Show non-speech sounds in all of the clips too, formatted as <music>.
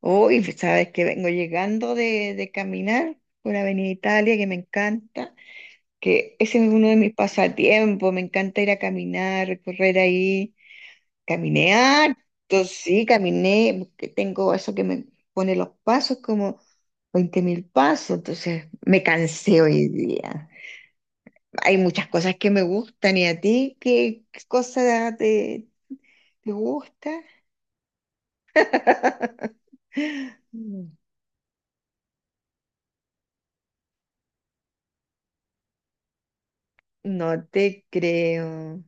Uy, pues, sabes que vengo llegando de caminar por Avenida Italia, que me encanta, que ese es uno de mis pasatiempos, me encanta ir a caminar, recorrer ahí. Caminé harto, sí, caminé, porque tengo eso que me pone los pasos como 20.000 pasos, entonces me cansé hoy día. Hay muchas cosas que me gustan, ¿y a ti qué, te gusta? <laughs> No te creo.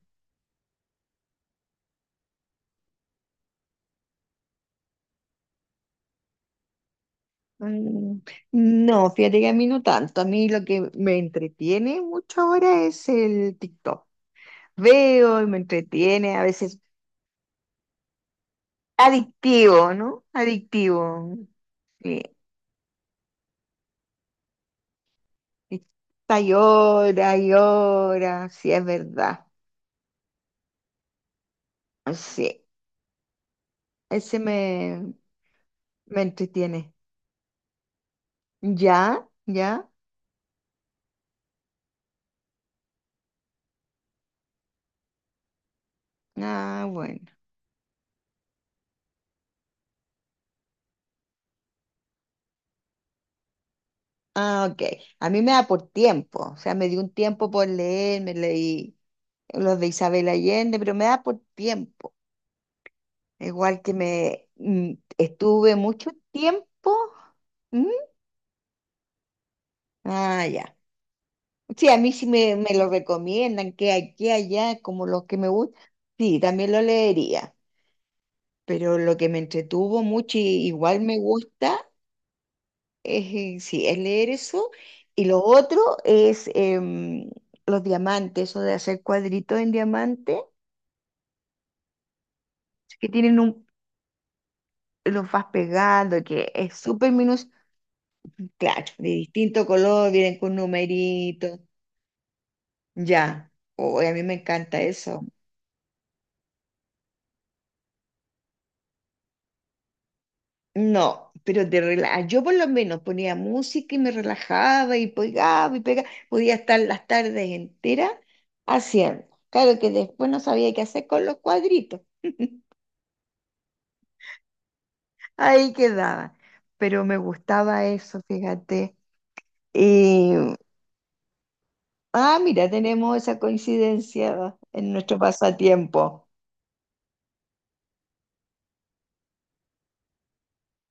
Mm, No, fíjate que a mí no tanto. A mí lo que me entretiene mucho ahora es el TikTok. Veo y me entretiene, a veces adictivo, ¿no? Adictivo. Sí. Está y hora, sí, es verdad. Sí, ese me, me entretiene. ¿Ya? ¿Ya? Ah, bueno. Ah, ok. A mí me da por tiempo, o sea, me dio un tiempo por leer, me leí los de Isabel Allende, pero me da por tiempo. Igual que me estuve mucho tiempo. ¿Mm? Ah, ya. Sí, a mí sí me lo recomiendan, que aquí, allá, como los que me gustan. Sí, también lo leería. Pero lo que me entretuvo mucho y igual me gusta es, sí, es leer eso. Y lo otro es los diamantes, eso de hacer cuadritos en diamante, que tienen un, los vas pegando, que es súper minus, claro, de distinto color, vienen con numeritos. Ya, hoy a mí me encanta eso. No, pero de rela- yo por lo menos ponía música y me relajaba y pegaba, podía estar las tardes enteras haciendo. Claro que después no sabía qué hacer con los cuadritos, ahí quedaba, pero me gustaba eso, fíjate. Y, ah, mira, tenemos esa coincidencia en nuestro pasatiempo.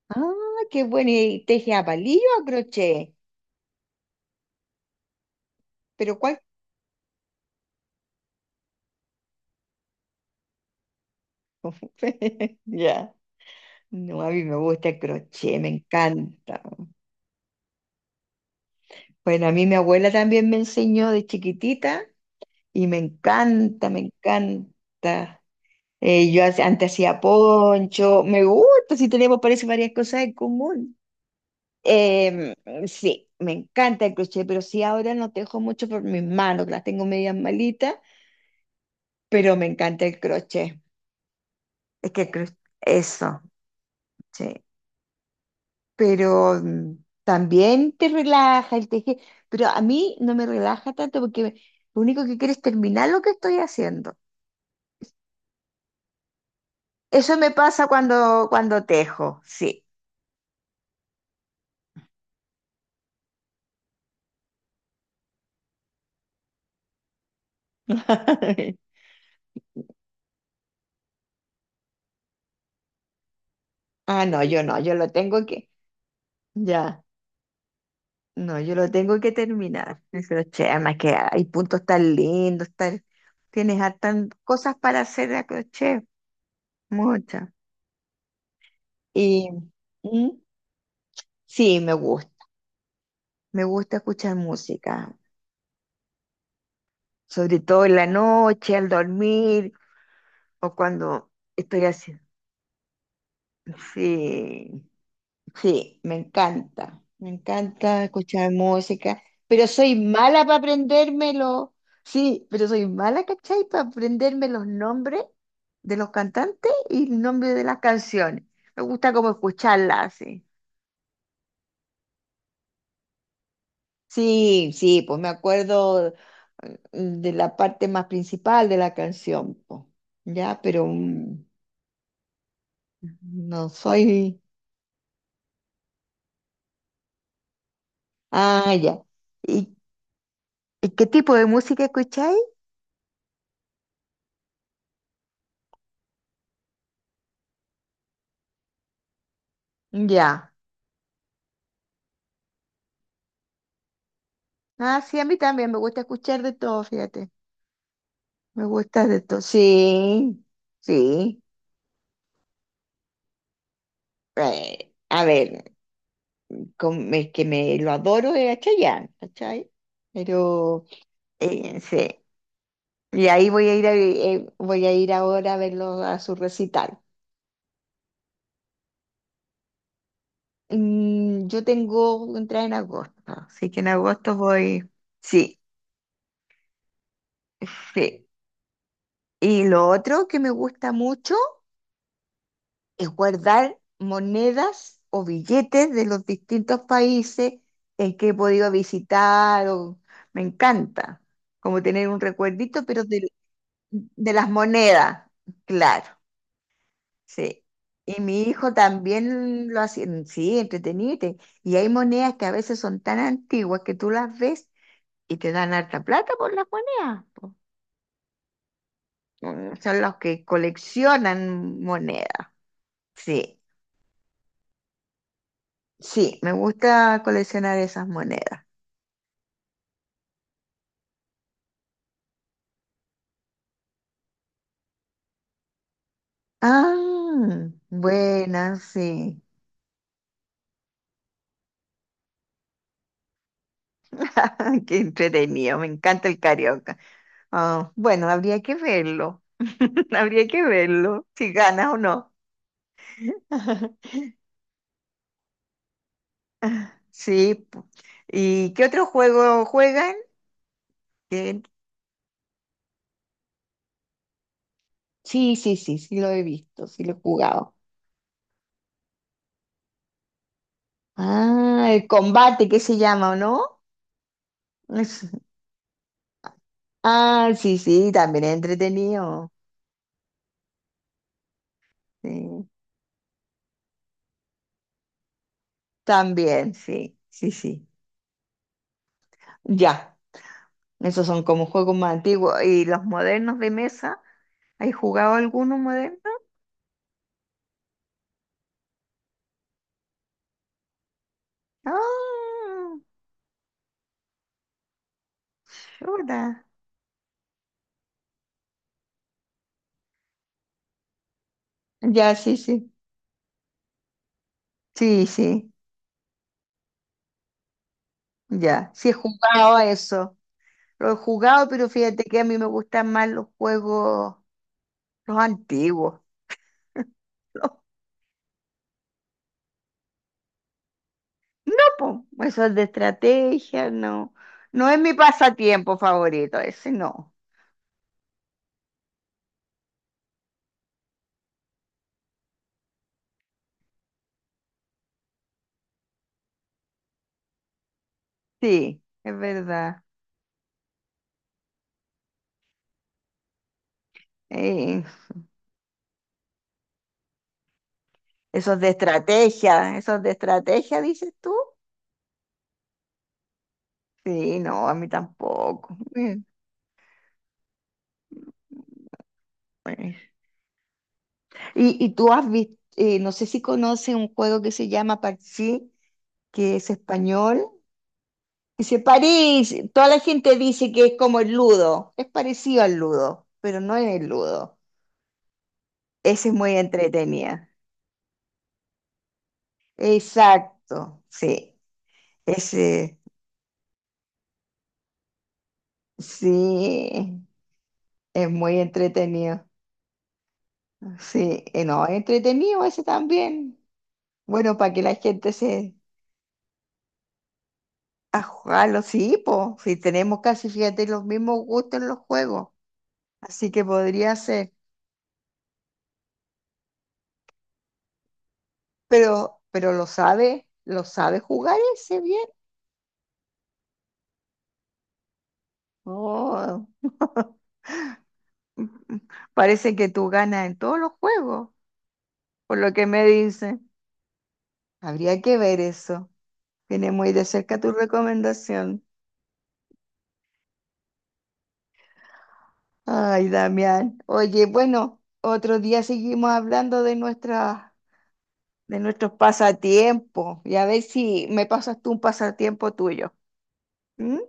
Ah, qué bueno, ¿y teje a palillo o a crochet? ¿Pero cuál? <laughs> Ya. No, a mí me gusta el crochet, me encanta. Bueno, a mí mi abuela también me enseñó de chiquitita y me encanta, me encanta. Yo hace- antes hacía poncho, me gusta, si tenemos parece varias cosas en común. Eh, sí, me encanta el crochet, pero sí ahora no tejo mucho por mis manos, que las tengo medias malitas, pero me encanta el crochet. Es que el cro- eso, sí. Pero también te relaja el tejer, pero a mí no me relaja tanto porque me- lo único que quiero es terminar lo que estoy haciendo. Eso me pasa cuando tejo, sí. <laughs> Ah, no, yo no, yo lo tengo que, ya, no, yo lo tengo que terminar. El crochet, además que hay puntos tan lindos, tan, tienes hartas cosas para hacer a crochet, muchas. Y mm, sí, me gusta escuchar música, sobre todo en la noche, al dormir o cuando estoy haciendo. Sí, sí, me encanta escuchar música, pero soy mala para aprendérmelo. Sí, pero soy mala, ¿cachai? Para aprenderme los nombres de los cantantes y el nombre de las canciones. Me gusta como escucharlas, sí. Sí, sí, pues me acuerdo, de la parte más principal de la canción, pues, ya, pero no soy. Ah, ya. ¿Y, y qué tipo de música escucháis? Ya. Ah, sí, a mí también me gusta escuchar de todo, fíjate. Me gusta de todo. Sí, sí. A ver, con- es que me lo adoro es a Chayanne, ¿cachai? Pero sí. Y ahí voy a ir a- voy a ir ahora a verlo a su recital. Mm, yo tengo entrada en agosto, así que en agosto voy. Sí, sí. Y lo otro que me gusta mucho es guardar monedas o billetes de los distintos países en que he podido visitar. O- me encanta, como tener un recuerdito, pero de las monedas, claro, sí. Y mi hijo también lo hace, sí, entretenite. Y hay monedas que a veces son tan antiguas que tú las ves y te dan harta plata por las monedas, po. Mm, son los que coleccionan monedas, sí. Sí, me gusta coleccionar esas monedas. Ah, buenas, sí. <laughs> Qué entretenido, me encanta el carioca. Ah, bueno, habría que verlo. <laughs> Habría que verlo, si ganas o no. <laughs> Sí. Pu- ¿y qué otro juego juegan? Que- sí, sí, sí, sí lo he visto, sí lo he jugado. Ah, el combate, ¿qué se llama o no? <laughs> Es- ah, sí, sí, también es entretenido. Sí. También, sí, sí, sí. Ya, esos son como juegos más antiguos. ¿Y los modernos de mesa? ¿Hay jugado alguno moderno? Ah, chuta. Ya, sí, sí. Sí, sí, ya. Sí, he jugado a eso. Lo he jugado, pero fíjate que a mí me gustan más los juegos, los antiguos. <laughs> Los papos, esos de estrategia, no. No es mi pasatiempo favorito, ese no. Sí, es verdad. Eh, Esos de estrategia, esos de estrategia, dices tú. Sí, no, a mí tampoco. Eh. Y tú has visto, no sé si conoces un juego que se llama Parchís, que es español. Dice París, toda la gente dice que es como el ludo, es parecido al ludo, pero no es el ludo. Ese es muy entretenida. Exacto, sí. Ese, sí, es muy entretenido. Sí, no, es entretenido ese también. Bueno, para que la gente se ajalo, sí, po, si tenemos casi, fíjate, los mismos gustos en los juegos, así que podría ser, pero lo sabe jugar ese bien. Oh. <laughs> Parece que tú ganas en todos los juegos, por lo que me dicen. Habría que ver eso. Tiene muy de cerca tu recomendación. Ay, Damián. Oye, bueno, otro día seguimos hablando de nuestras de nuestros pasatiempos y a ver si me pasas tú un pasatiempo tuyo. ¿Mm?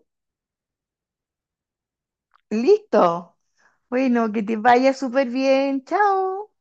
Listo. Bueno, que te vaya súper bien. Chao.